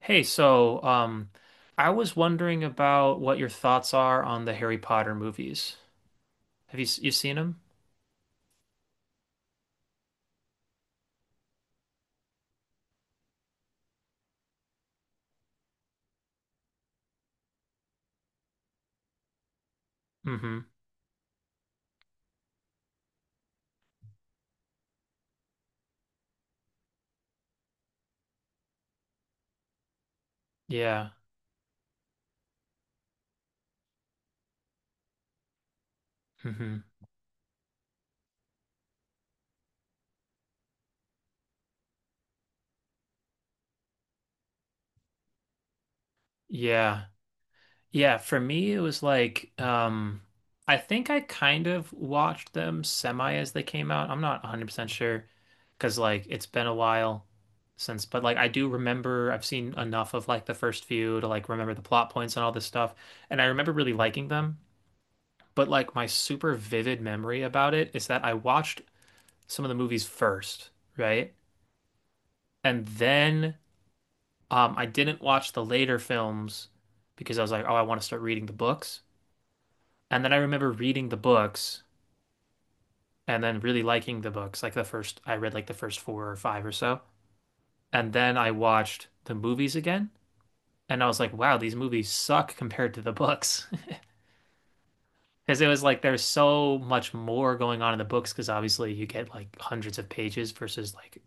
Hey, so I was wondering about what your thoughts are on the Harry Potter movies. Have you you seen them? Mm-hmm. Yeah. Mm-hmm. Yeah. Yeah. For me, it was like I think I kind of watched them semi as they came out. I'm not 100% sure because like it's been a while since, but like I do remember I've seen enough of like the first few to like remember the plot points and all this stuff, and I remember really liking them. But like my super vivid memory about it is that I watched some of the movies first, right? And then I didn't watch the later films because I was like, oh, I want to start reading the books. And then I remember reading the books and then really liking the books. Like the first, I read like the first four or five or so. And then I watched the movies again. And I was like, wow, these movies suck compared to the books. Because it was like there's so much more going on in the books, because obviously you get like hundreds of pages versus like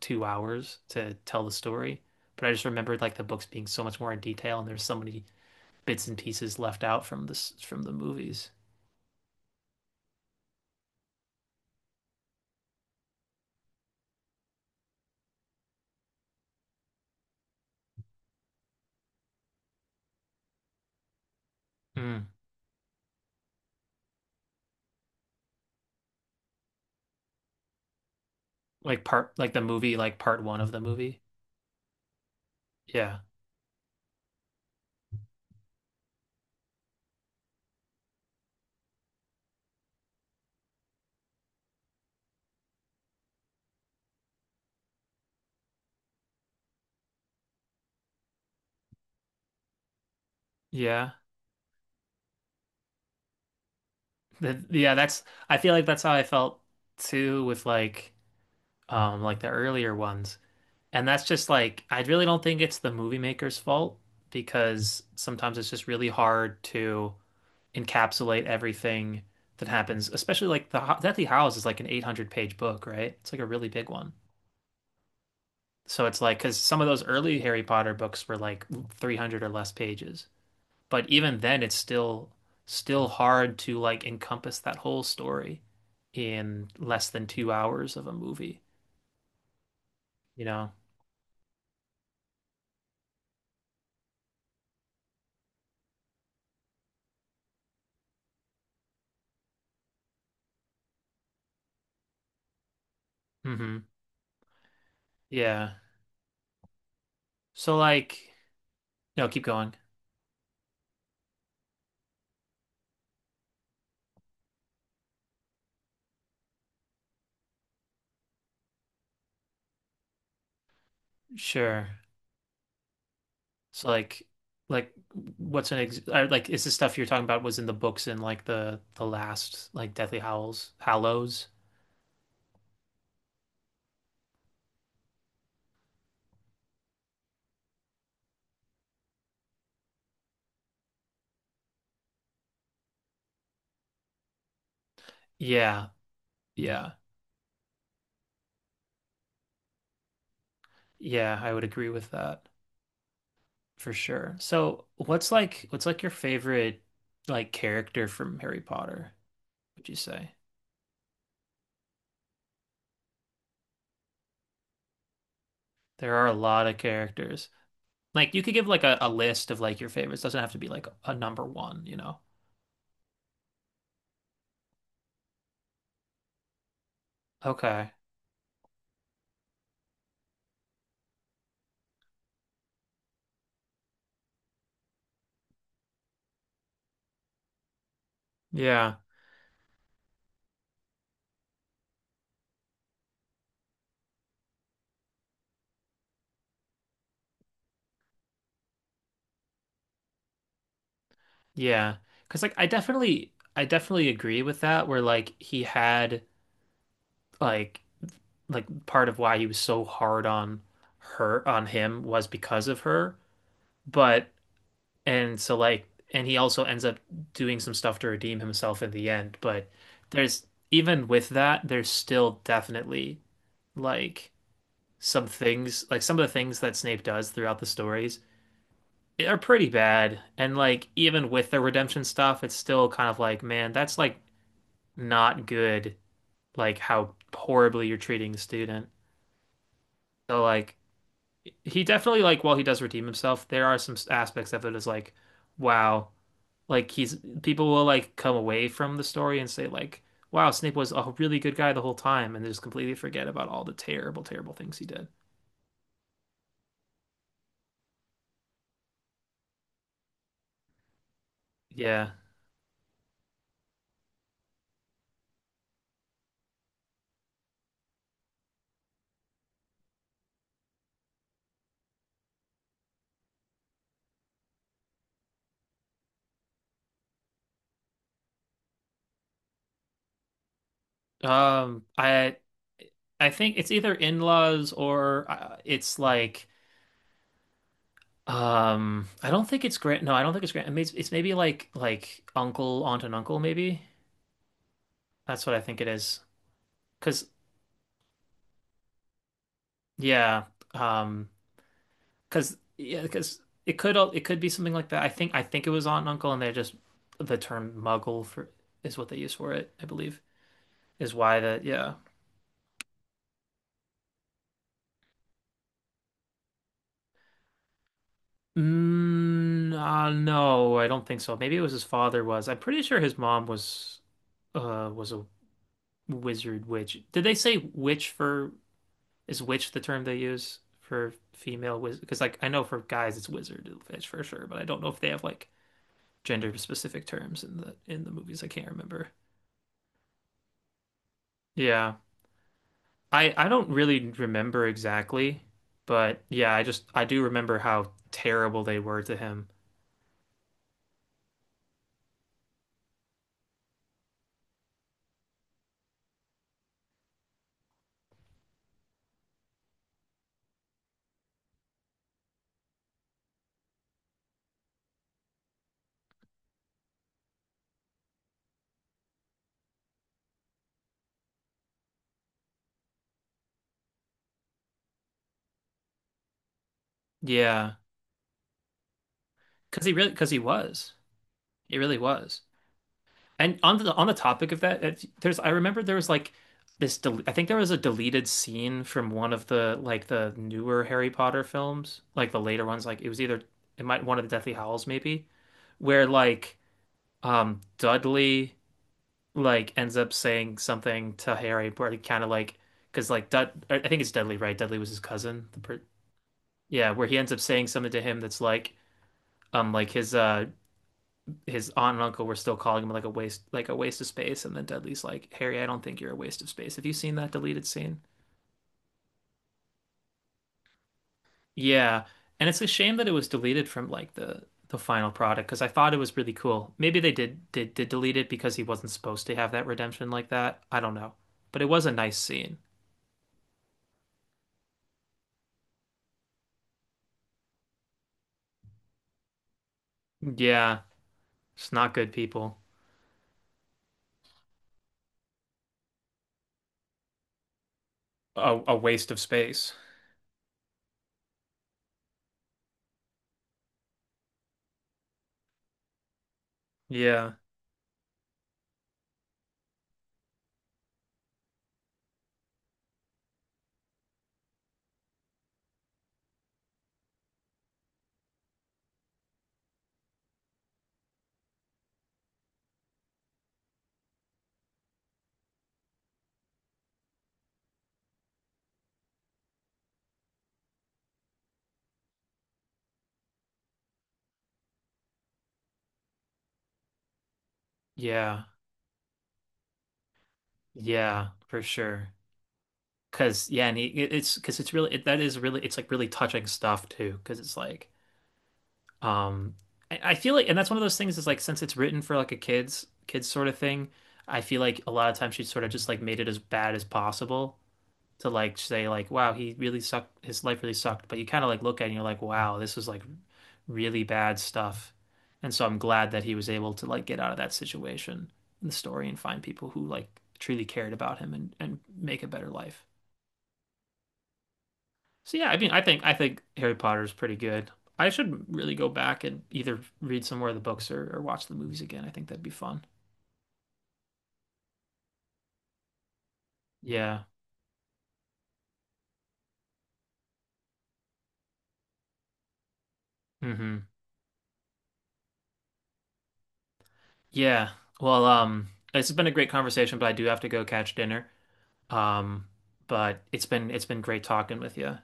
2 hours to tell the story. But I just remembered like the books being so much more in detail, and there's so many bits and pieces left out from the movies. Mm. Like part like the movie, like part one of the movie. Yeah. Yeah. Yeah, that's I feel like that's how I felt too with like the earlier ones. And that's just like, I really don't think it's the movie maker's fault because sometimes it's just really hard to encapsulate everything that happens, especially like the Deathly Hallows is like an 800-page book, right? It's like a really big one. So it's like, because some of those early Harry Potter books were like 300 or less pages. But even then, it's still hard to like encompass that whole story in less than 2 hours of a movie, you know? Hmm. Yeah. So like, no, keep going. Sure. So like what's an ex I- like is the stuff you're talking about was in the books in like the last like Deathly Howls Hallows? Yeah. Yeah. Yeah, I would agree with that for sure. So what's like your favorite like character from Harry Potter, would you say? There are a lot of characters. Like you could give like a list of like your favorites. Doesn't have to be like a number one, you know? Okay. Yeah. Yeah. Cause like I definitely agree with that where like he had like like part of why he was so hard on her on him was because of her. But and so like and he also ends up doing some stuff to redeem himself in the end. But there's even with that, there's still definitely like some things like some of the things that Snape does throughout the stories are pretty bad. And like even with the redemption stuff, it's still kind of like, man, that's like not good, like how horribly you're treating the student. So like he definitely like while he does redeem himself, there are some aspects of it is like, wow, like he's people will like come away from the story and say like, wow, Snape was a really good guy the whole time, and they just completely forget about all the terrible, terrible things he did. Yeah. Um, I I think it's either in-laws or it's like I don't think it's grand, no, I don't think it's grand, it's maybe like uncle, aunt and uncle maybe. That's what I think it is. Cause yeah, um, cause yeah, cause it could it could be something like that. I think it was Aunt and Uncle, and they just the term Muggle for is what they use for it. I believe is why that, yeah. Mm, no, I don't think so. Maybe it was his father was. I'm pretty sure his mom was a wizard witch. Did they say witch for Is witch the term they use for female wizard? Because like I know for guys it's wizard witch for sure, but I don't know if they have like gender specific terms in the movies. I can't remember. Yeah. I don't really remember exactly, but yeah, I do remember how terrible they were to him. Yeah, because he really, because he was, he really was. And on the topic of that, there's I remember there was like this del I think there was a deleted scene from one of the like the newer Harry Potter films, like the later ones. Like it was either it might one of the Deathly Hallows maybe, where like Dudley like ends up saying something to Harry, where he kind of like, because like I think it's Dudley, right? Dudley was his cousin. The per Yeah, where he ends up saying something to him that's like his aunt and uncle were still calling him like a waste of space, and then Dudley's like, Harry, I don't think you're a waste of space. Have you seen that deleted scene? Yeah, and it's a shame that it was deleted from like the final product because I thought it was really cool. Maybe they did delete it because he wasn't supposed to have that redemption like that. I don't know, but it was a nice scene. Yeah. It's not good people. A waste of space. Yeah. Yeah. Yeah, for sure. Cause yeah, and it's 'cause it's really it, that is really it's like really touching stuff too. Cause it's like um I feel like and that's one of those things is like since it's written for like a kids sort of thing, I feel like a lot of times she sort of just like made it as bad as possible to like say like wow he really sucked his life really sucked but you kind of like look at it and you're like wow this was like really bad stuff and so I'm glad that he was able to like get out of that situation in the story and find people who like truly cared about him and make a better life so yeah I mean I think Harry Potter is pretty good I should really go back and either read some more of the books or watch the movies again I think that'd be fun. Yeah. Hmm. Yeah. Well, it's been a great conversation but I do have to go catch dinner. Um, but it's been great talking with you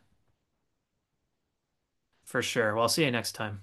for sure. Well, I'll see you next time.